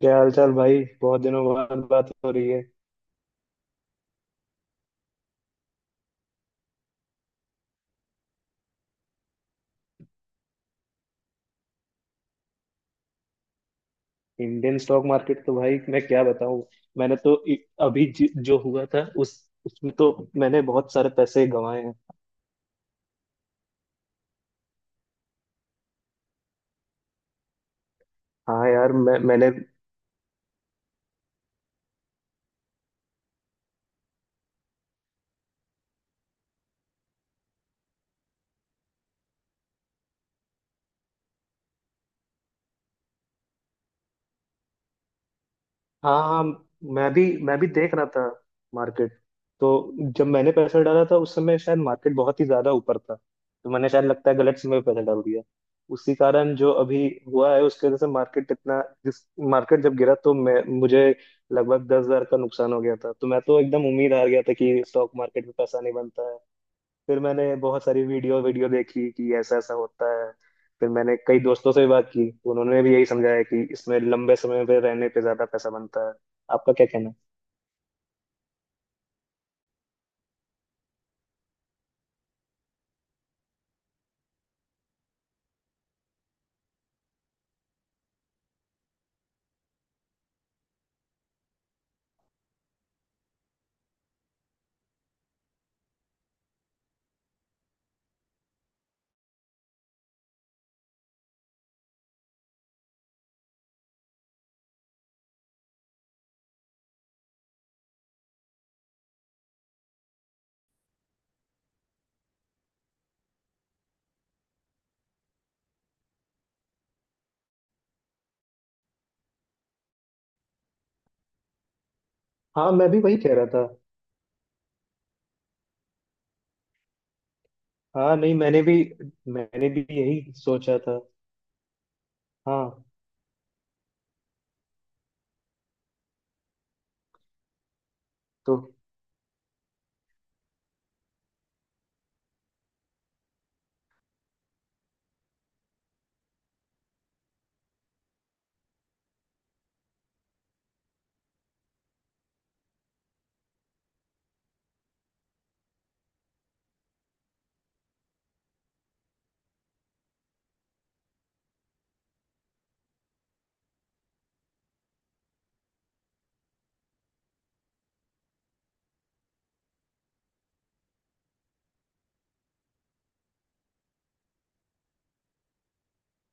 क्या हाल चाल भाई। बहुत दिनों बाद बात हो रही है। इंडियन स्टॉक मार्केट तो भाई मैं क्या बताऊं। मैंने तो इ- अभी जो हुआ था उस उसमें तो मैंने बहुत सारे पैसे गंवाए हैं। हाँ यार, मैंने। हाँ, हाँ। मैं भी देख रहा था मार्केट। तो जब मैंने पैसा डाला था उस समय शायद मार्केट बहुत ही ज्यादा ऊपर था, तो मैंने शायद लगता है गलत समय पे पैसा डाल दिया। उसी कारण जो अभी हुआ है उसके वजह से मार्केट इतना जिस मार्केट जब गिरा तो मैं मुझे लगभग 10,000 का नुकसान हो गया था। तो मैं तो एकदम उम्मीद हार गया था कि स्टॉक मार्केट में पैसा नहीं बनता। फिर मैंने बहुत सारी वीडियो वीडियो देखी कि ऐसा ऐसा होता है। फिर मैंने कई दोस्तों से भी बात की, उन्होंने भी यही समझाया कि इसमें लंबे समय पे रहने पे ज्यादा पैसा बनता है। आपका क्या कहना है? हाँ, मैं भी वही कह रहा था। हाँ नहीं, मैंने भी यही सोचा था। हाँ। तो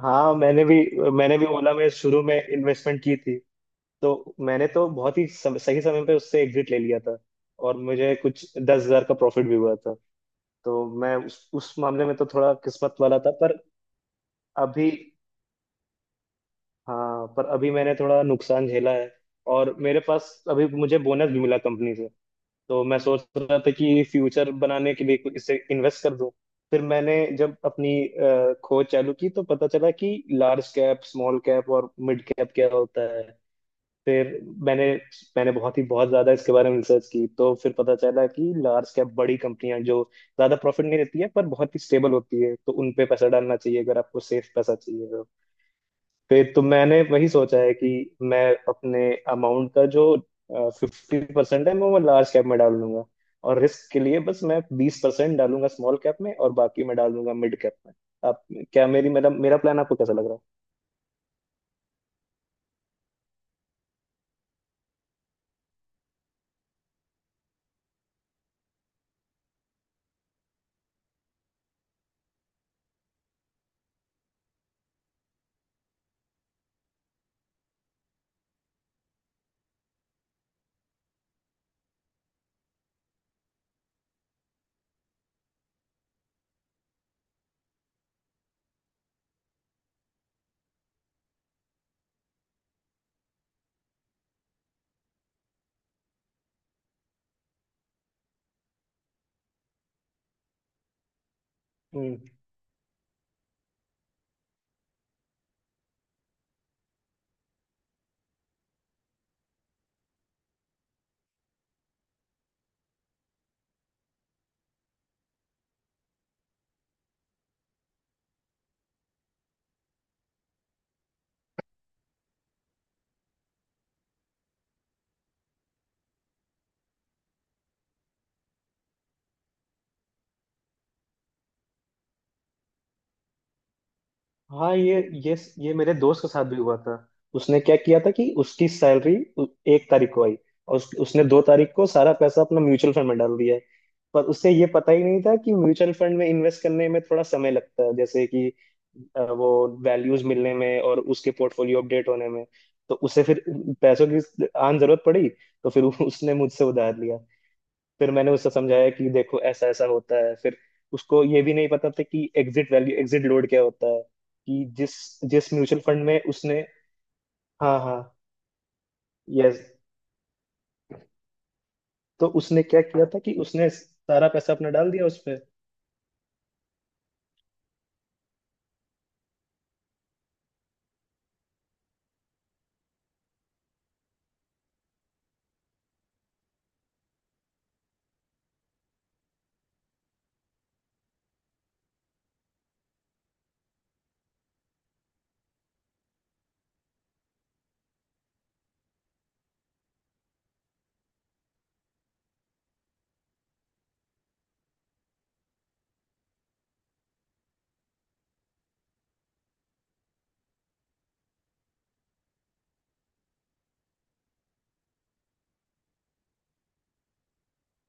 हाँ, मैंने भी ओला में शुरू में इन्वेस्टमेंट की थी। तो मैंने तो बहुत ही सही समय पे उससे एग्जिट ले लिया था और मुझे कुछ 10,000 का प्रॉफिट भी हुआ था। तो मैं उस मामले में तो थोड़ा किस्मत वाला था, पर अभी। हाँ, पर अभी मैंने थोड़ा नुकसान झेला है। और मेरे पास अभी मुझे बोनस भी मिला कंपनी से। तो मैं सोच रहा था कि फ्यूचर बनाने के लिए कुछ इसे इन्वेस्ट कर दूं। फिर मैंने जब अपनी खोज चालू की तो पता चला कि लार्ज कैप, स्मॉल कैप और मिड कैप क्या होता है। फिर मैंने मैंने बहुत ही बहुत ज्यादा इसके बारे में रिसर्च की, तो फिर पता चला कि लार्ज कैप बड़ी कंपनियां जो ज्यादा प्रॉफिट नहीं देती है पर बहुत ही स्टेबल होती है, तो उन पे पैसा डालना चाहिए अगर आपको सेफ पैसा चाहिए तो। फिर तो मैंने वही सोचा है कि मैं अपने अमाउंट का जो 50% है मैं वो लार्ज कैप में डाल लूंगा। और रिस्क के लिए बस मैं 20% डालूंगा स्मॉल कैप में और बाकी मैं डाल दूंगा मिड कैप में। आप, क्या मेरी मेरा मेरा प्लान आपको कैसा लग रहा है? हाँ, ये मेरे दोस्त के साथ भी हुआ था। उसने क्या किया था कि उसकी सैलरी एक तारीख को आई, और उसने दो तारीख को सारा पैसा अपना म्यूचुअल फंड में डाल दिया है। पर उससे ये पता ही नहीं था कि म्यूचुअल फंड में इन्वेस्ट करने में थोड़ा समय लगता है, जैसे कि वो वैल्यूज मिलने में और उसके पोर्टफोलियो अपडेट होने में। तो उसे फिर पैसों की आन जरूरत पड़ी। तो फिर उसने मुझसे उधार लिया। फिर मैंने उसे समझाया कि देखो ऐसा ऐसा होता है। फिर उसको ये भी नहीं पता था कि एग्जिट वैल्यू एग्जिट लोड क्या होता है। कि जिस जिस म्यूचुअल फंड में उसने। हाँ, हाँ। यस। तो उसने क्या किया था कि उसने सारा पैसा अपना डाल दिया उसमें।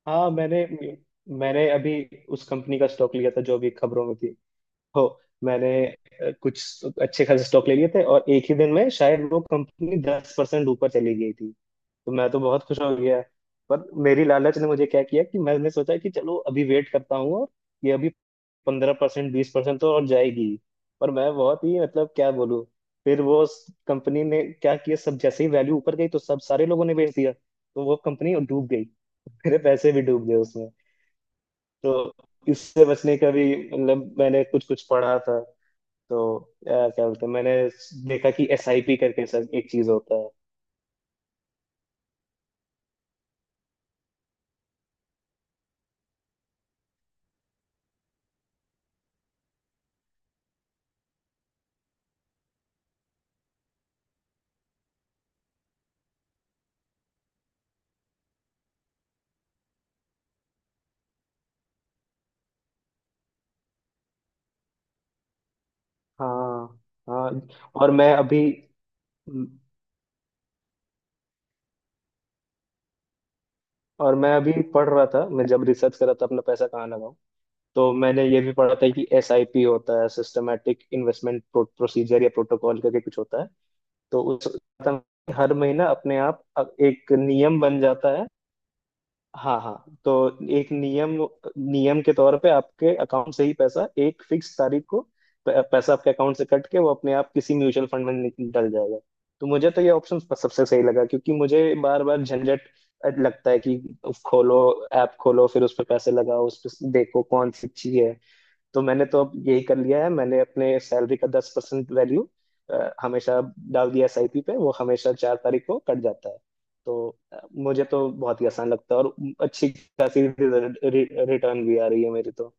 हाँ, मैंने मैंने अभी उस कंपनी का स्टॉक लिया था जो अभी खबरों में थी। हो मैंने कुछ अच्छे खासे स्टॉक ले लिए थे और एक ही दिन में शायद वो कंपनी 10% ऊपर चली गई थी। तो मैं तो बहुत खुश हो गया। पर मेरी लालच ने मुझे क्या किया कि मैंने सोचा कि चलो अभी वेट करता हूँ और ये अभी 15%, 20% तो और जाएगी। पर मैं बहुत ही, मतलब, क्या बोलूँ। फिर वो कंपनी ने क्या किया, सब जैसे ही वैल्यू ऊपर गई तो सब सारे लोगों ने बेच दिया, तो वो कंपनी डूब गई। मेरे पैसे भी डूब गए उसमें। तो इससे बचने का भी, मतलब मैंने कुछ कुछ पढ़ा था। तो क्या बोलते हैं, मैंने देखा कि एसआईपी करके सर एक चीज होता है। हाँ, हाँ। और मैं अभी। हम्म, और मैं अभी पढ़ रहा था, मैं जब रिसर्च कर रहा था अपना पैसा कहाँ लगाऊं, तो मैंने ये भी पढ़ा था कि एसआईपी होता है सिस्टमेटिक इन्वेस्टमेंट प्रोसीजर या प्रोटोकॉल करके कुछ होता है। तो उस हर महीना अपने आप अब एक नियम बन जाता है। हाँ, हाँ। तो एक नियम नियम के तौर पे आपके अकाउंट से ही पैसा एक फिक्स तारीख को, पैसा आपके अकाउंट से कट के वो अपने आप किसी म्यूचुअल फंड में डल जाएगा। तो मुझे तो ये ऑप्शन सबसे सही लगा क्योंकि मुझे बार बार झंझट लगता है कि खोलो, ऐप खोलो, फिर उस पर पैसे लगाओ, उस पर देखो कौन सी अच्छी है। तो मैंने तो अब यही कर लिया है, मैंने अपने सैलरी का 10% वैल्यू हमेशा डाल दिया एसआईपी पे, वो हमेशा चार तारीख को कट जाता है। तो मुझे तो बहुत ही आसान लगता है और अच्छी खासी रिटर्न भी आ रही है मेरी तो।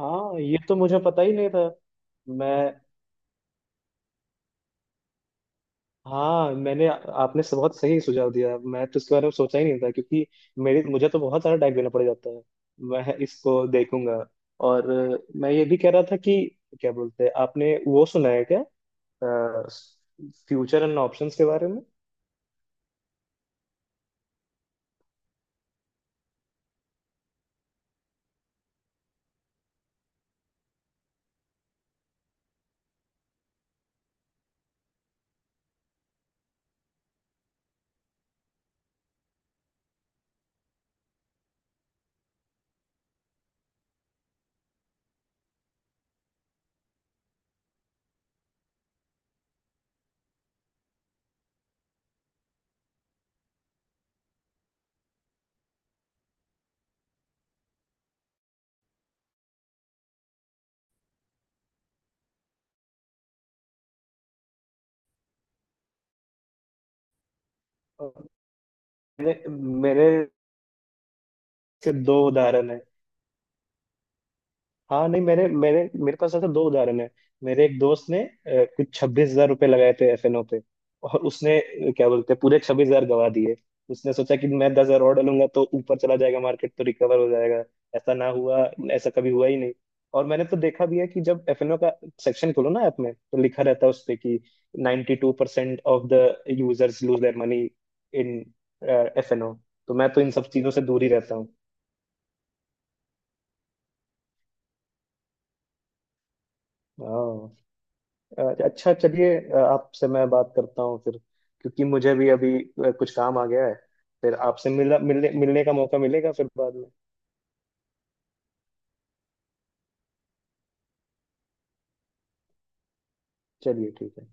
हाँ, ये तो मुझे पता ही नहीं था। मैं। हाँ, मैंने आपने बहुत सही सुझाव दिया। मैं तो इसके बारे में सोचा ही नहीं था, क्योंकि मेरे मुझे तो बहुत सारा टाइम देना पड़ जाता है। मैं इसको देखूंगा। और मैं ये भी कह रहा था कि क्या बोलते हैं, आपने वो सुना है क्या, फ्यूचर एंड ऑप्शंस के बारे में? और मैंने मैंने सिर्फ दो उदाहरण है। हाँ नहीं, मैंने मैंने मेरे पास ऐसा दो उदाहरण है। मेरे एक दोस्त ने कुछ 26,000 रुपये लगाए थे एफएनओ पे और उसने क्या बोलते हैं, पूरे 26,000 गंवा दिए। उसने सोचा कि मैं 10,000 और डालूंगा तो ऊपर चला जाएगा मार्केट तो रिकवर हो जाएगा। ऐसा ना हुआ, ऐसा कभी हुआ ही नहीं। और मैंने तो देखा भी है कि जब एफएनओ का सेक्शन खोलो ना ऐप में तो लिखा रहता है उस पे कि 92% two percent of the users lose their money in FNO. तो मैं तो इन सब चीजों से दूर ही रहता हूँ। हाँ। अच्छा, चलिए। आपसे मैं बात करता हूँ फिर, क्योंकि मुझे भी अभी कुछ काम आ गया है। फिर आपसे मिला मिलने मिलने का मौका मिलेगा फिर बाद में। चलिए ठीक है।